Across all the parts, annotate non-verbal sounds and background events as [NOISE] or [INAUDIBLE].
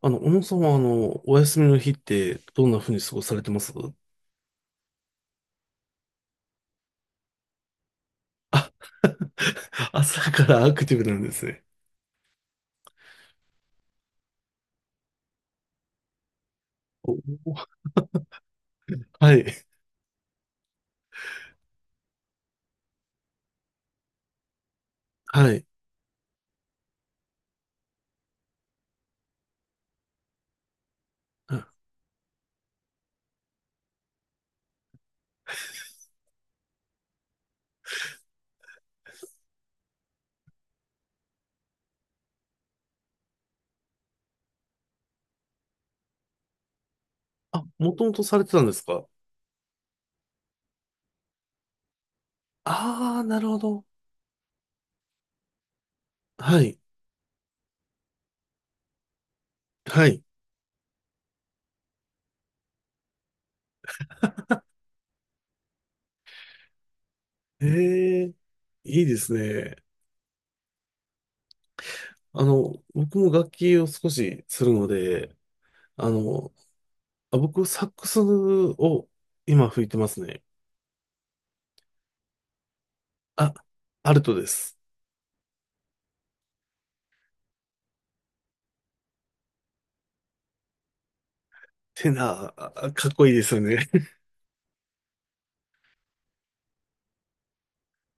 小野さんは、お休みの日って、どんな風に過ごされてます [LAUGHS] 朝からアクティブなんですね。お。お。はい。はい。あ、もともとされてたんですか？ああー、なるほど。はい。はい。ええ、いいですね。僕も楽器を少しするので、あの、あ、僕、サックスを今吹いてますね。あ、アルトです。てな、あかっこいいですよね。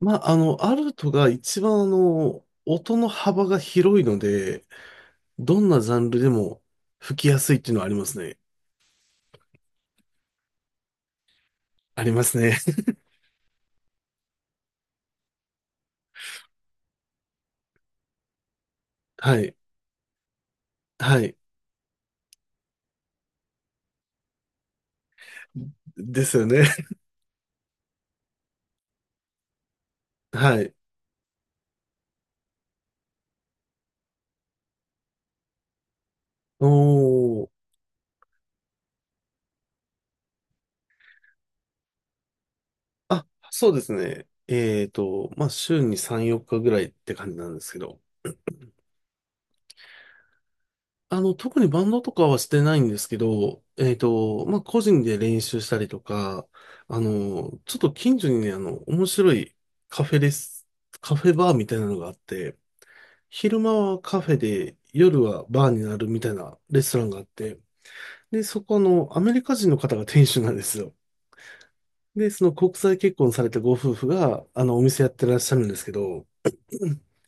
まあ、アルトが一番音の幅が広いので、どんなジャンルでも吹きやすいっていうのはありますね。ありますね。[LAUGHS] はい。はい。ですよね。[LAUGHS] はい。おー。あ、そうですね。まあ、週に3、4日ぐらいって感じなんですけど。特にバンドとかはしてないんですけど、まあ、個人で練習したりとか、ちょっと近所にね、面白いカフェです。カフェバーみたいなのがあって、昼間はカフェで、夜はバーになるみたいなレストランがあって、で、そこの、アメリカ人の方が店主なんですよ。で、その国際結婚されたご夫婦が、お店やってらっしゃるんですけど、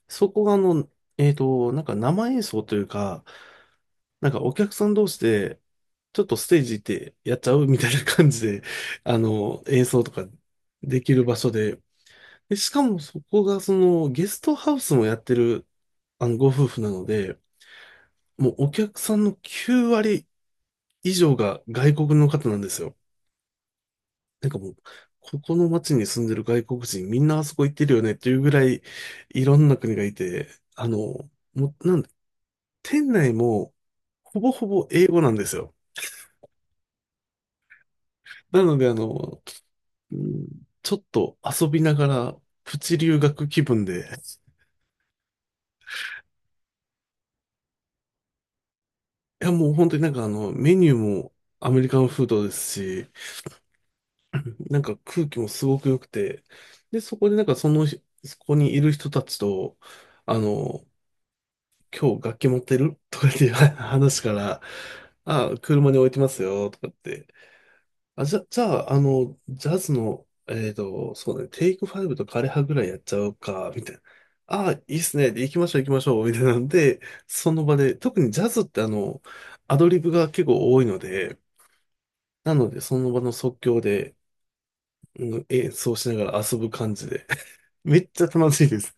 そこがあの、なんか生演奏というか、なんかお客さん同士で、ちょっとステージ行ってやっちゃうみたいな感じで、演奏とかできる場所で、で、しかもそこがそのゲストハウスもやってる、ご夫婦なので、もうお客さんの9割以上が外国の方なんですよ。なんかもう、ここの街に住んでる外国人みんなあそこ行ってるよねっていうぐらいいろんな国がいて、あの、もう、なん、店内もほぼほぼ英語なんですよ。なので、あの、うん、ちょっと遊びながら、プチ留学気分で、いやもう本当になんかあの、メニューもアメリカンフードですし、なんか空気もすごく良くて、で、そこでなんかその、そこにいる人たちと、あの、今日楽器持ってるとかっていう話から、あ、車に置いてますよ、とかってあ、じゃ、じゃあ、ジャズの、そうだね、テイクファイブと枯葉ぐらいやっちゃうか、みたいな。ああ、いいっすね。で、行きましょう、行きましょう、みたいなんで、その場で、特にジャズってあの、アドリブが結構多いので、なので、その場の即興で、うん、演奏しながら遊ぶ感じで、[LAUGHS] めっちゃ楽しいです。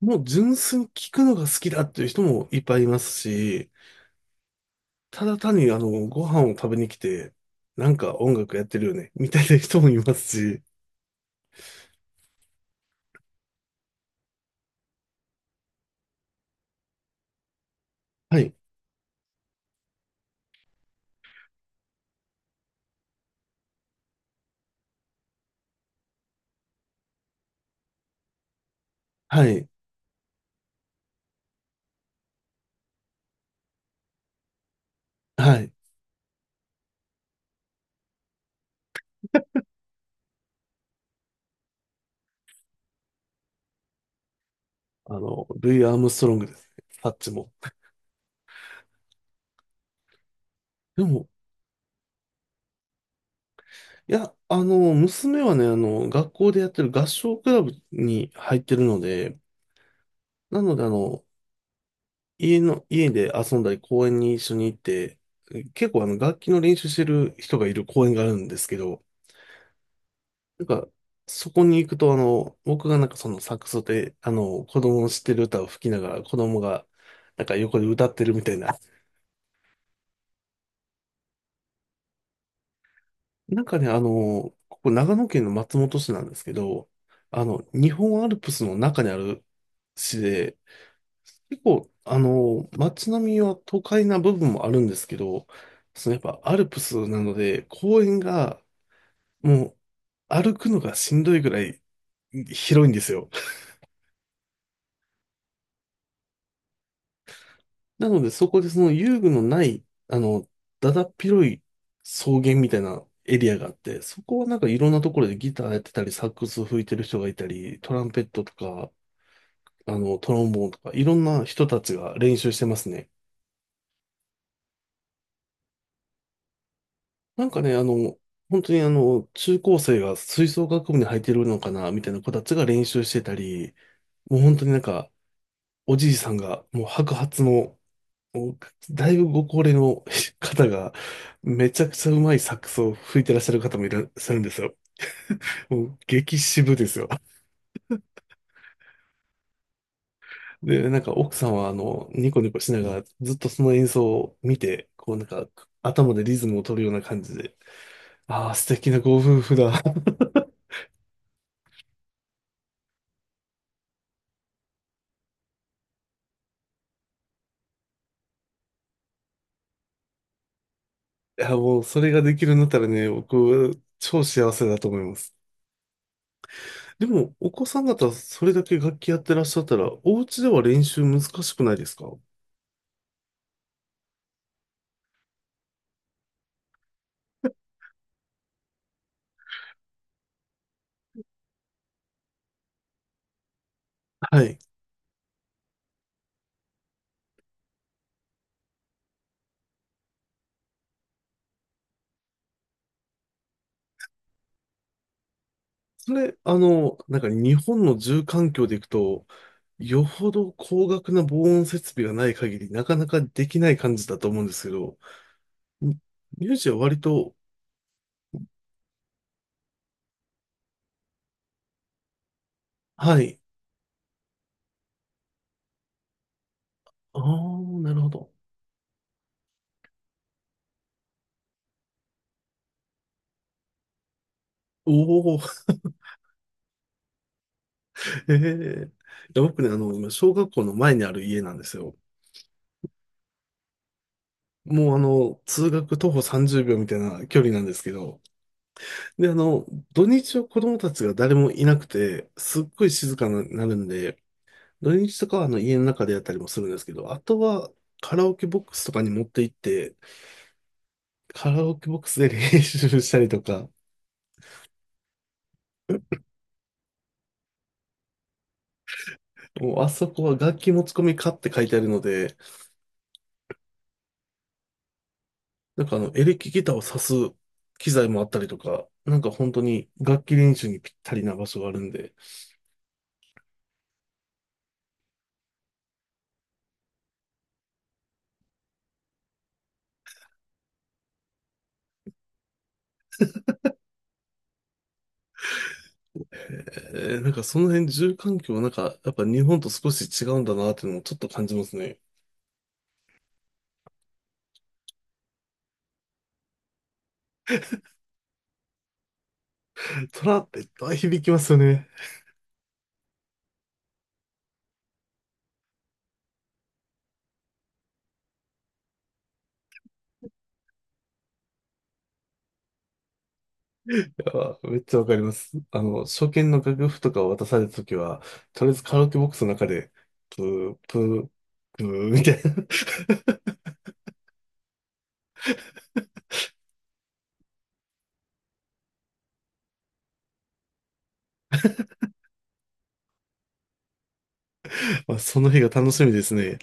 もう純粋に聞くのが好きだっていう人もいっぱいいますし、ただ単にあの、ご飯を食べに来て、なんか音楽やってるよね、みたいな人もいますし、はい。はい。はい。ルイ・アームストロングですね。サッチも。でも、いや、娘はね、学校でやってる合唱クラブに入ってるので、なので、家で遊んだり、公園に一緒に行って、結構、楽器の練習してる人がいる公園があるんですけど、なんか、そこに行くと、僕がなんかそのサックスで、子供の知ってる歌を吹きながら、子供が、なんか横で歌ってるみたいな。なんかね、ここ長野県の松本市なんですけど、日本アルプスの中にある市で、結構、街並みは都会な部分もあるんですけど、そのやっぱアルプスなので、公園がもう歩くのがしんどいぐらい広いんですよ。なので、そこでその遊具のない、あの、だだっ広い草原みたいなエリアがあって、そこはなんかいろんなところでギターやってたり、サックス吹いてる人がいたり、トランペットとか、トロンボーンとか、いろんな人たちが練習してますね。なんかね、本当にあの、中高生が吹奏楽部に入ってるのかな、みたいな子たちが練習してたり、もう本当になんか、おじいさんがもう白髪のもうだいぶご高齢の [LAUGHS] 方が、めちゃくちゃうまいサックスを吹いてらっしゃる方もいらっしゃるんですよ。もう激渋ですよ。で、なんか奥さんは、ニコニコしながら、ずっとその演奏を見て、こうなんか、頭でリズムを取るような感じで、ああ、素敵なご夫婦だ。[LAUGHS] いや、もうそれができるんだったらね、僕、超幸せだと思います。でも、お子さん方、それだけ楽器やってらっしゃったら、お家では練習難しくないですか？はい。それ、なんか日本の住環境でいくと、よほど高額な防音設備がない限り、なかなかできない感じだと思うんですけど、ミミュージは割と、はい。ああ、なるほど。おお、ええ。いや僕ね、今、小学校の前にある家なんですよ。もう、通学徒歩30秒みたいな距離なんですけど、で、あの、土日は子供たちが誰もいなくて、すっごい静かになるんで、土日とかはあの家の中でやったりもするんですけど、あとはカラオケボックスとかに持って行って、カラオケボックスで練習したりとか、もうあそこは楽器持ち込みかって書いてあるので、なんかあのエレキギターを挿す機材もあったりとか、なんか本当に楽器練習にぴったりな場所があるんで、えーなんかその辺住環境なんかやっぱ日本と少し違うんだなっていうのもちょっと感じますね。トラっていっぱい響きますよね。あめっちゃわかります。初見の楽譜とかを渡されたときは、とりあえずカラオケボックスの中で、プー、プー、プーみたいな。[LAUGHS] まあ、その日が楽しみですね。